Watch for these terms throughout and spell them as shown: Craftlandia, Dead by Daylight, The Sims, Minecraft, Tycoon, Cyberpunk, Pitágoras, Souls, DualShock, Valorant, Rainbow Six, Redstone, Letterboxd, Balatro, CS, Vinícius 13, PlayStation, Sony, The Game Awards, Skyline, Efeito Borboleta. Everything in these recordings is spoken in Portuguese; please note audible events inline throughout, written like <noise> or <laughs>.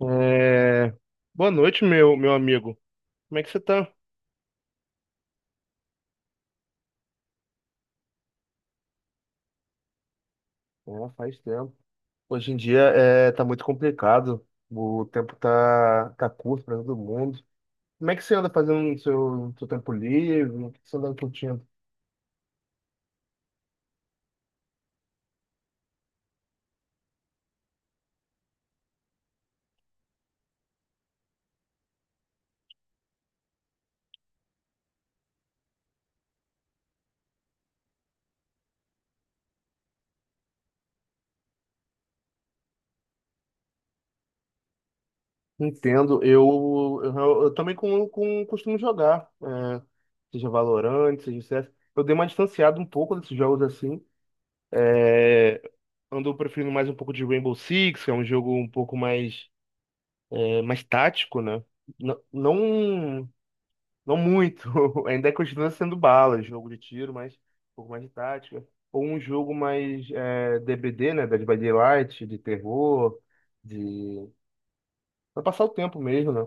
É, boa noite, meu amigo. Como é que você tá? É, faz tempo. Hoje em dia tá muito complicado. O tempo tá curto para todo mundo. Como é que você anda fazendo no seu, no seu tempo livre? O que você anda curtindo? Entendo. Eu também costumo jogar. Seja Valorant, seja CS. Eu dei uma distanciada um pouco desses jogos assim. É, Ando preferindo mais um pouco de Rainbow Six, que é um jogo um pouco mais. É mais tático, né? Não, não, não muito. <laughs> Ainda continua sendo bala, jogo de tiro, mas um pouco mais de tática. Ou um jogo mais D, B D, né? Dead by Daylight, de terror, de... Pra passar o tempo mesmo, né?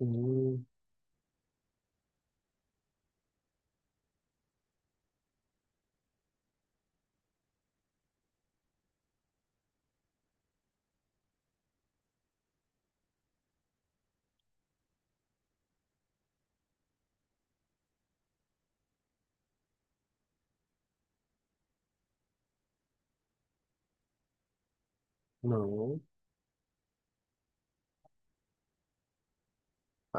Hum. Não.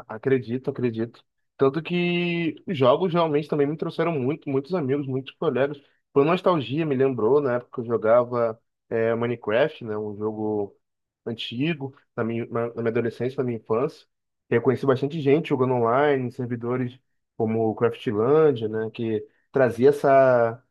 Acredito, acredito. Tanto que os jogos realmente também me trouxeram muitos amigos, muitos colegas. Por nostalgia, me lembrou na época que eu jogava Minecraft, né, um jogo antigo, na na minha adolescência, na minha infância. Eu conheci bastante gente jogando online, em servidores como o Craftlandia, né, que trazia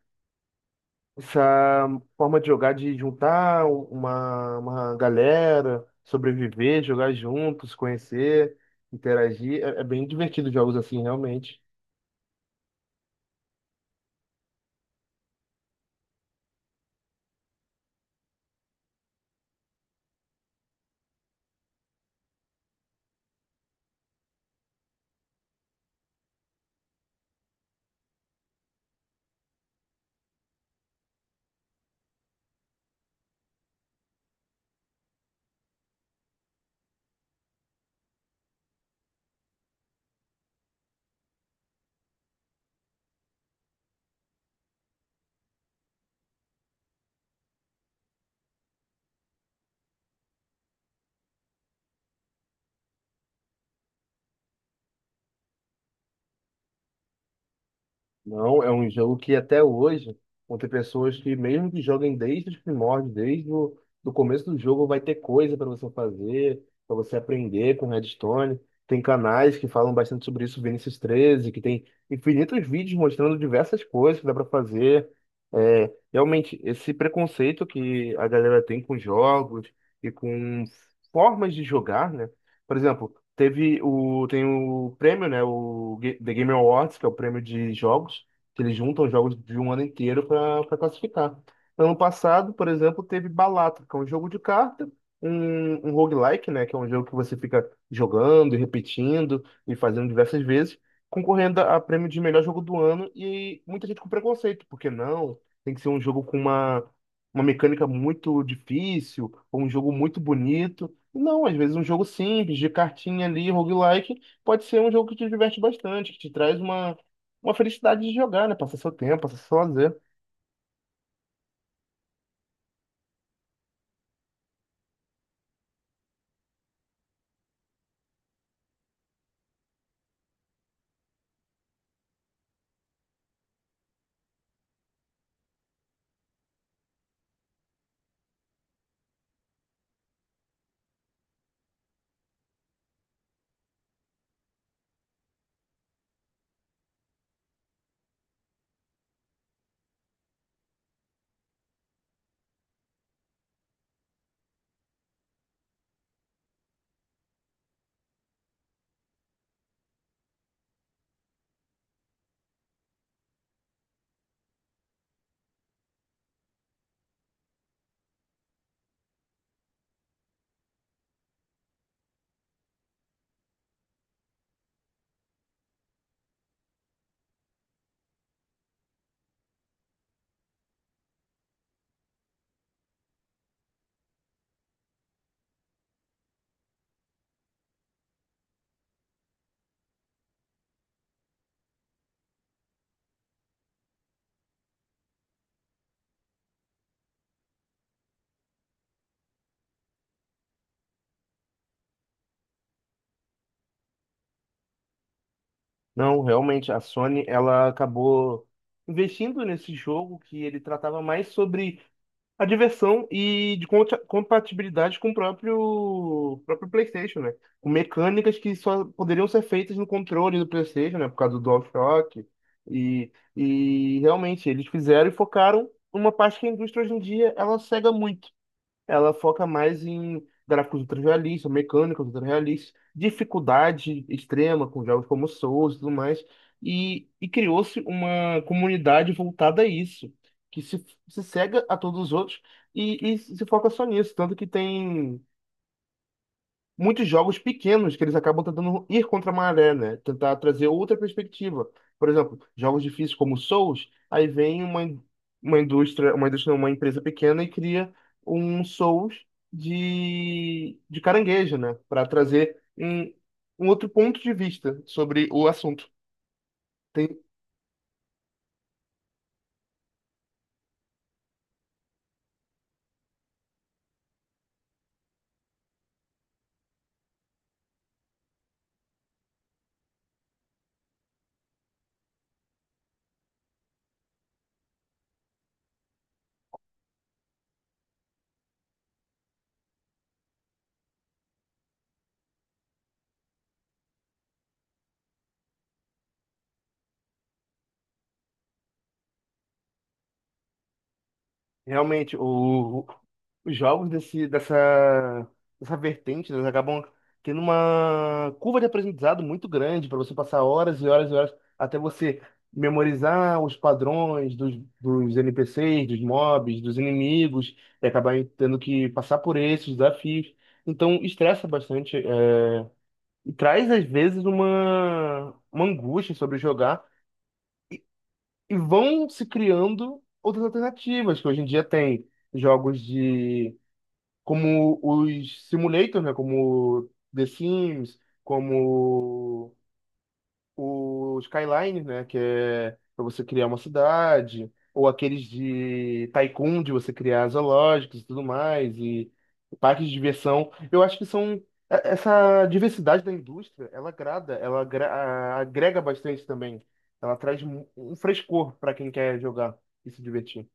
essa forma de jogar, de juntar uma galera, sobreviver, jogar juntos, conhecer, interagir, é, é bem divertido jogos assim, realmente. Não, é um jogo que até hoje vão ter pessoas que, mesmo que joguem desde os primórdios, desde o do começo do jogo, vai ter coisa para você fazer, para você aprender com Redstone. Tem canais que falam bastante sobre isso, Vinícius 13, que tem infinitos vídeos mostrando diversas coisas que dá para fazer. É, realmente, esse preconceito que a galera tem com jogos e com formas de jogar, né? Por exemplo, tem o prêmio, né? O The Game Awards, que é o prêmio de jogos, que eles juntam jogos de um ano inteiro para classificar. Ano passado, por exemplo, teve Balatro, que é um jogo de carta, um roguelike, né? Que é um jogo que você fica jogando e repetindo e fazendo diversas vezes, concorrendo a prêmio de melhor jogo do ano e muita gente com preconceito, porque não? Tem que ser um jogo com uma mecânica muito difícil, ou um jogo muito bonito. Não, às vezes um jogo simples, de cartinha ali, roguelike, pode ser um jogo que te diverte bastante, que te traz uma felicidade de jogar, né? Passar seu tempo, passar seu lazer. Não, realmente, a Sony, ela acabou investindo nesse jogo que ele tratava mais sobre a diversão e de compatibilidade com o próprio PlayStation, né? Com mecânicas que só poderiam ser feitas no controle do PlayStation, né? Por causa do DualShock. E realmente, eles fizeram e focaram numa parte que a indústria hoje em dia ela cega muito, ela foca mais em gráficos ultra-realistas, mecânicas ultra-realistas, dificuldade extrema com jogos como Souls e tudo mais. E criou-se uma comunidade voltada a isso, que se cega a todos os outros e se foca só nisso. Tanto que tem muitos jogos pequenos que eles acabam tentando ir contra a maré, né? Tentar trazer outra perspectiva. Por exemplo, jogos difíceis como Souls, aí vem uma indústria, não, uma empresa pequena e cria um Souls de caranguejo, né? Para trazer um outro ponto de vista sobre o assunto. Tem, realmente, o, os jogos dessa vertente, eles acabam tendo uma curva de aprendizado muito grande para você passar horas e horas e horas até você memorizar os padrões dos, dos NPCs, dos mobs, dos inimigos, e acabar tendo que passar por esses desafios. Então, estressa bastante, é, e traz às vezes uma angústia sobre jogar e vão se criando outras alternativas, que hoje em dia tem jogos de como os simulators, né, como The Sims, como o Skyline, né, que é para você criar uma cidade, ou aqueles de Tycoon, de você criar zoológicos e tudo mais, e parques de diversão. Eu acho que são essa diversidade da indústria, ela agrada, ela agrega bastante também. Ela traz um um frescor para quem quer jogar e se divertir.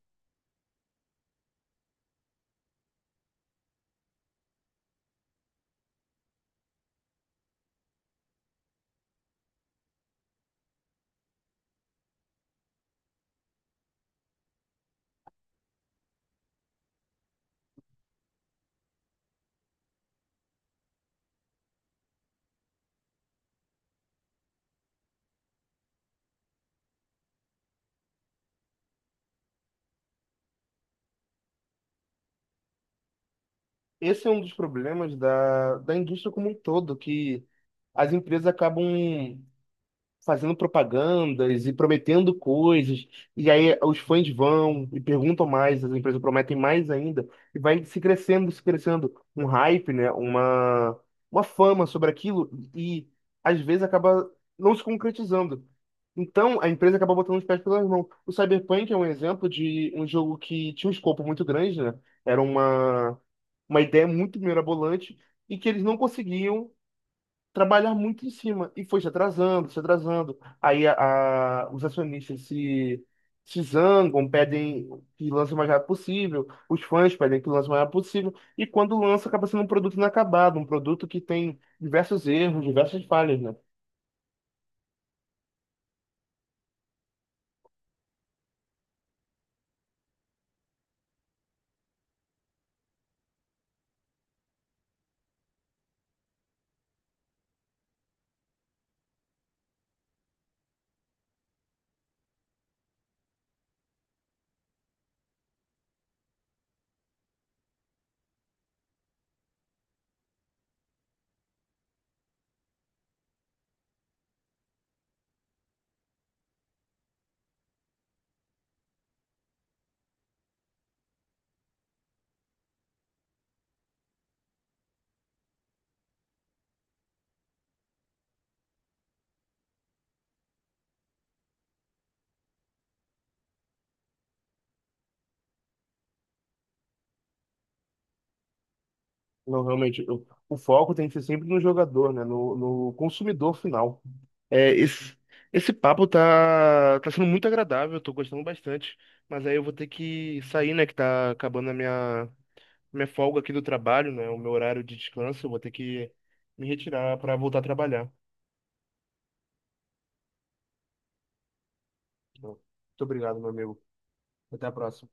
Esse é um dos problemas da, da indústria como um todo, que as empresas acabam fazendo propagandas e prometendo coisas, e aí os fãs vão e perguntam mais, as empresas prometem mais ainda, e vai se crescendo, se crescendo, um hype, né? Uma fama sobre aquilo, e às vezes acaba não se concretizando. Então, a empresa acaba botando os pés pelas mãos. O Cyberpunk é um exemplo de um jogo que tinha um escopo muito grande, né? Era uma ideia muito mirabolante e que eles não conseguiam trabalhar muito em cima e foi se atrasando, se atrasando. Os acionistas se zangam, pedem que lance o mais rápido possível, os fãs pedem que lance o mais rápido possível, e quando lança, acaba sendo um produto inacabado, um produto que tem diversos erros, diversas falhas, né? Não, realmente, o foco tem que ser sempre no jogador, né? No, no consumidor final. É, esse, Esse papo tá sendo muito agradável, tô gostando bastante. Mas aí eu vou ter que sair, né? Que tá acabando a minha, minha folga aqui do trabalho, né? O meu horário de descanso, eu vou ter que me retirar para voltar a trabalhar. Então, muito obrigado, meu amigo. Até a próxima.